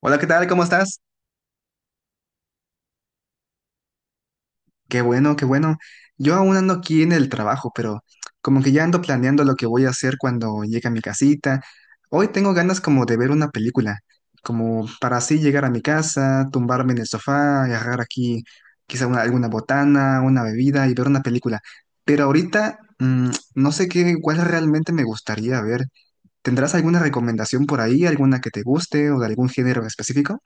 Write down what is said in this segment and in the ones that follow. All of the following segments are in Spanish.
Hola, ¿qué tal? ¿Cómo estás? Qué bueno, qué bueno. Yo aún ando aquí en el trabajo, pero como que ya ando planeando lo que voy a hacer cuando llegue a mi casita. Hoy tengo ganas como de ver una película, como para así llegar a mi casa, tumbarme en el sofá, agarrar aquí quizá alguna botana, una bebida y ver una película. Pero ahorita no sé cuál realmente me gustaría ver. ¿Tendrás alguna recomendación por ahí, alguna que te guste o de algún género específico?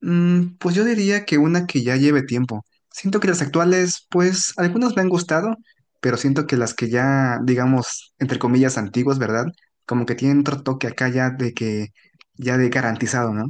Pues yo diría que una que ya lleve tiempo. Siento que las actuales, pues algunas me han gustado, pero siento que las que ya, digamos, entre comillas, antiguas, ¿verdad? Como que tienen otro toque acá ya de que, ya de garantizado, ¿no?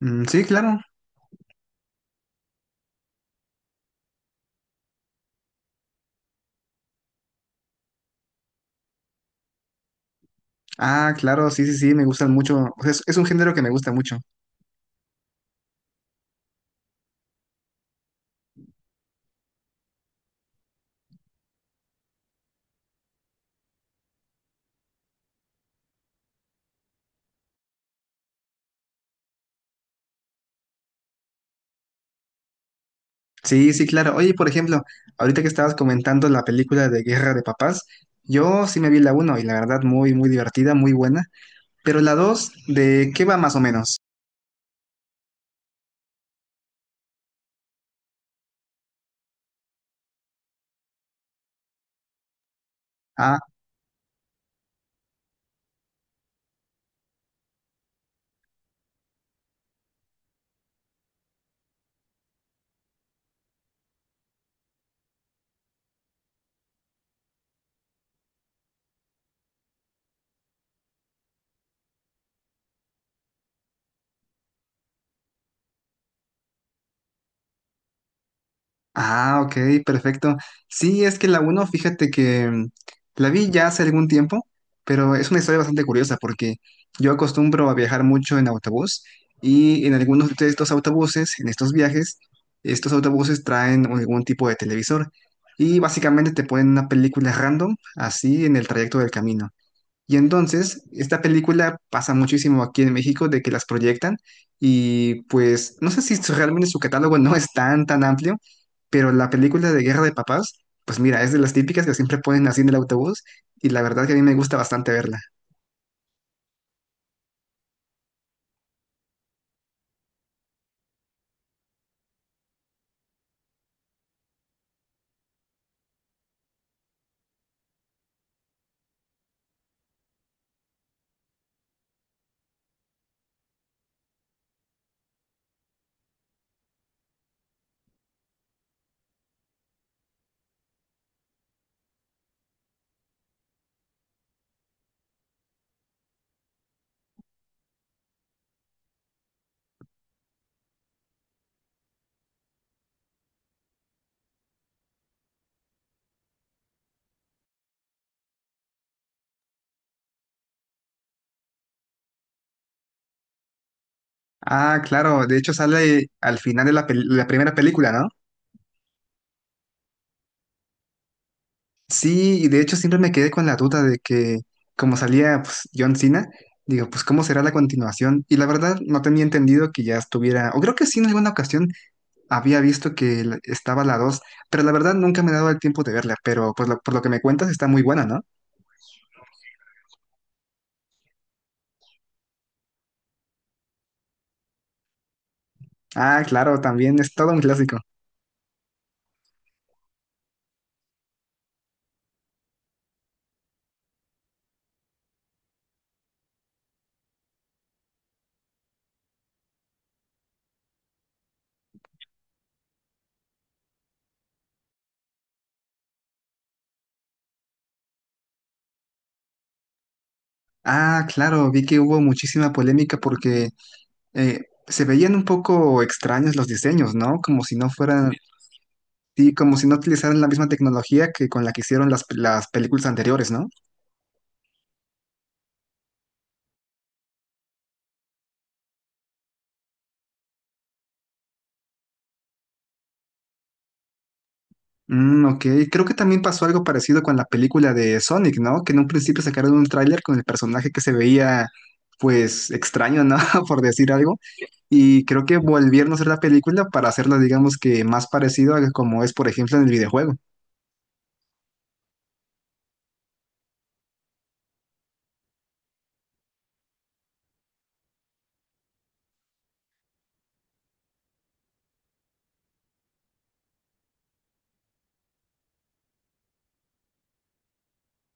Mm, sí, claro. Ah, claro, sí, sí, sí, me gustan mucho. O sea, es un género que me gusta mucho. Sí, sí, claro. Oye, por ejemplo, ahorita que estabas comentando la película de Guerra de Papás, yo sí me vi la uno y la verdad muy, muy divertida, muy buena. Pero la 2, ¿de qué va más o menos? Ah, ah, ok, perfecto. Sí, es que la uno, fíjate que la vi ya hace algún tiempo, pero es una historia bastante curiosa porque yo acostumbro a viajar mucho en autobús y en algunos de estos autobuses, en estos viajes, estos autobuses traen algún tipo de televisor y básicamente te ponen una película random así en el trayecto del camino. Y entonces, esta película pasa muchísimo aquí en México de que las proyectan y pues no sé si realmente su catálogo no es tan, tan amplio, pero la película de Guerra de Papás, pues mira, es de las típicas que siempre ponen así en el autobús y la verdad que a mí me gusta bastante verla. Ah, claro, de hecho sale al final de la primera película, ¿no? Sí, y de hecho siempre me quedé con la duda de que como salía, pues, John Cena, digo, pues ¿cómo será la continuación? Y la verdad no tenía entendido que ya estuviera, o creo que sí, en alguna ocasión había visto que estaba la dos, pero la verdad nunca me he dado el tiempo de verla, pero pues por lo que me cuentas está muy buena, ¿no? Ah, claro, también es todo un clásico. Ah, claro, vi que hubo muchísima polémica porque se veían un poco extraños los diseños, ¿no? Como si no fueran, sí, como si no utilizaran la misma tecnología que con la que hicieron las películas anteriores, ¿no? Mm, ok, creo que también pasó algo parecido con la película de Sonic, ¿no? Que en un principio sacaron un tráiler con el personaje que se veía, pues, extraño, ¿no? Por decir algo. Y creo que volvieron a hacer la película para hacerla, digamos que más parecido a como es, por ejemplo, en el videojuego.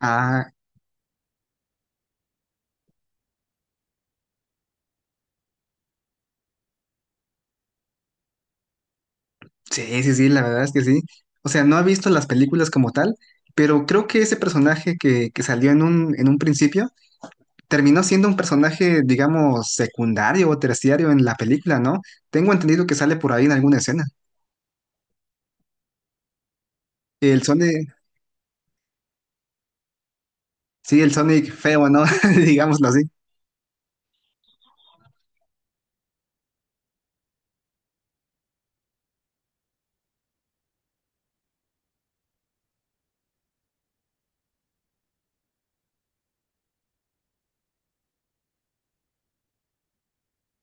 Ah, sí, sí, sí, la verdad es que sí. O sea, no he visto las películas como tal, pero creo que ese personaje que salió en un principio terminó siendo un personaje, digamos, secundario o terciario en la película, ¿no? Tengo entendido que sale por ahí en alguna escena. El Sonic, sí, el Sonic feo, ¿no? Digámoslo así.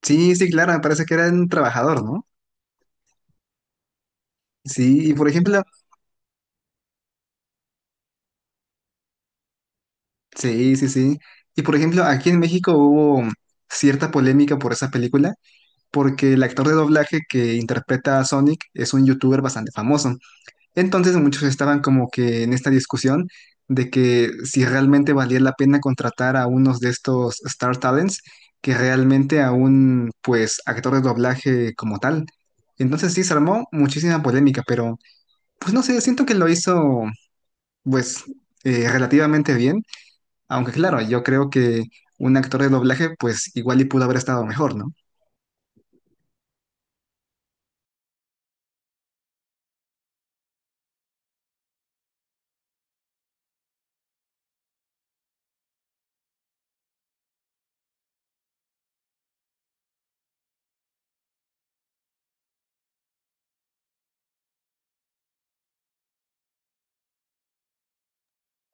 Sí, sí, claro, me parece que era un trabajador, ¿no? Sí, y por ejemplo, sí, sí, sí. Y por ejemplo, aquí en México hubo cierta polémica por esa película, porque el actor de doblaje que interpreta a Sonic es un youtuber bastante famoso. Entonces muchos estaban como que en esta discusión de que si realmente valía la pena contratar a unos de estos Star Talents que realmente a un, pues, actor de doblaje como tal. Entonces sí, se armó muchísima polémica, pero pues no sé, siento que lo hizo, pues, relativamente bien, aunque claro, yo creo que un actor de doblaje, pues igual y pudo haber estado mejor, ¿no?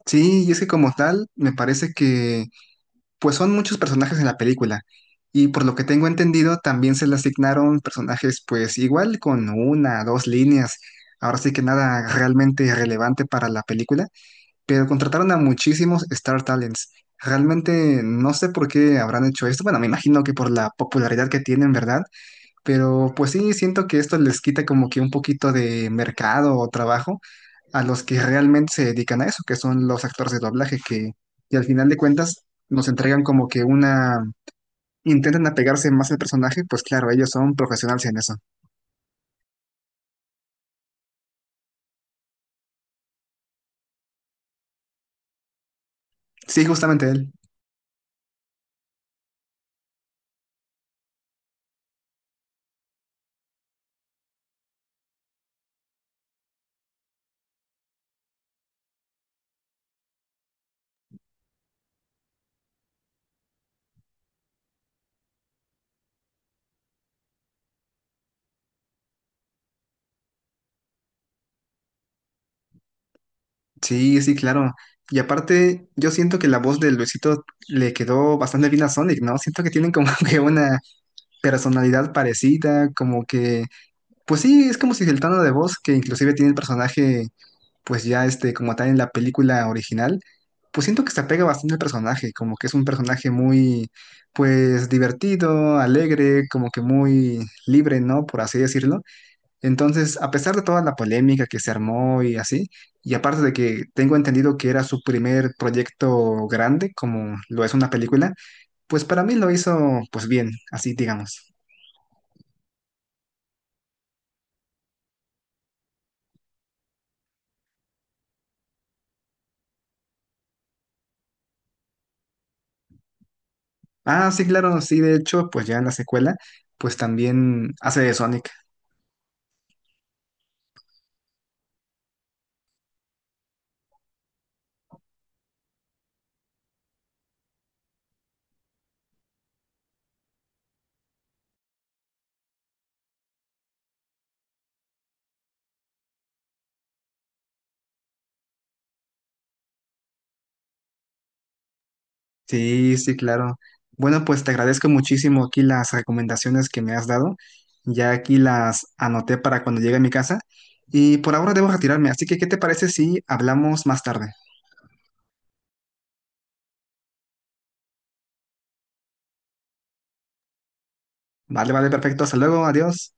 Sí, y es que como tal, me parece que, pues, son muchos personajes en la película. Y por lo que tengo entendido, también se le asignaron personajes, pues igual con una, dos líneas. Ahora sí que nada realmente relevante para la película, pero contrataron a muchísimos Star Talents. Realmente no sé por qué habrán hecho esto. Bueno, me imagino que por la popularidad que tienen, ¿verdad? Pero pues sí, siento que esto les quita como que un poquito de mercado o trabajo a los que realmente se dedican a eso, que son los actores de doblaje, que, y al final de cuentas nos entregan como que una... Intentan apegarse más al personaje, pues claro, ellos son profesionales en eso. Sí, justamente él. Sí, sí, claro. Y aparte, yo siento que la voz de Luisito le quedó bastante bien a Sonic, ¿no? Siento que tienen como que una personalidad parecida, como que, pues sí, es como si el tono de voz que inclusive tiene el personaje, pues ya este, como tal en la película original, pues siento que se apega bastante al personaje, como que es un personaje muy, pues divertido, alegre, como que muy libre, ¿no? Por así decirlo. Entonces, a pesar de toda la polémica que se armó y así, y aparte de que tengo entendido que era su primer proyecto grande, como lo es una película, pues para mí lo hizo, pues bien, así digamos. Ah, sí, claro, sí, de hecho, pues ya en la secuela, pues también hace de Sonic. Sí, sí, claro. Bueno, pues te agradezco muchísimo aquí las recomendaciones que me has dado. Ya aquí las anoté para cuando llegue a mi casa. Y por ahora debo retirarme, así que ¿qué te parece si hablamos más tarde? Vale, vale, perfecto. Hasta luego, adiós.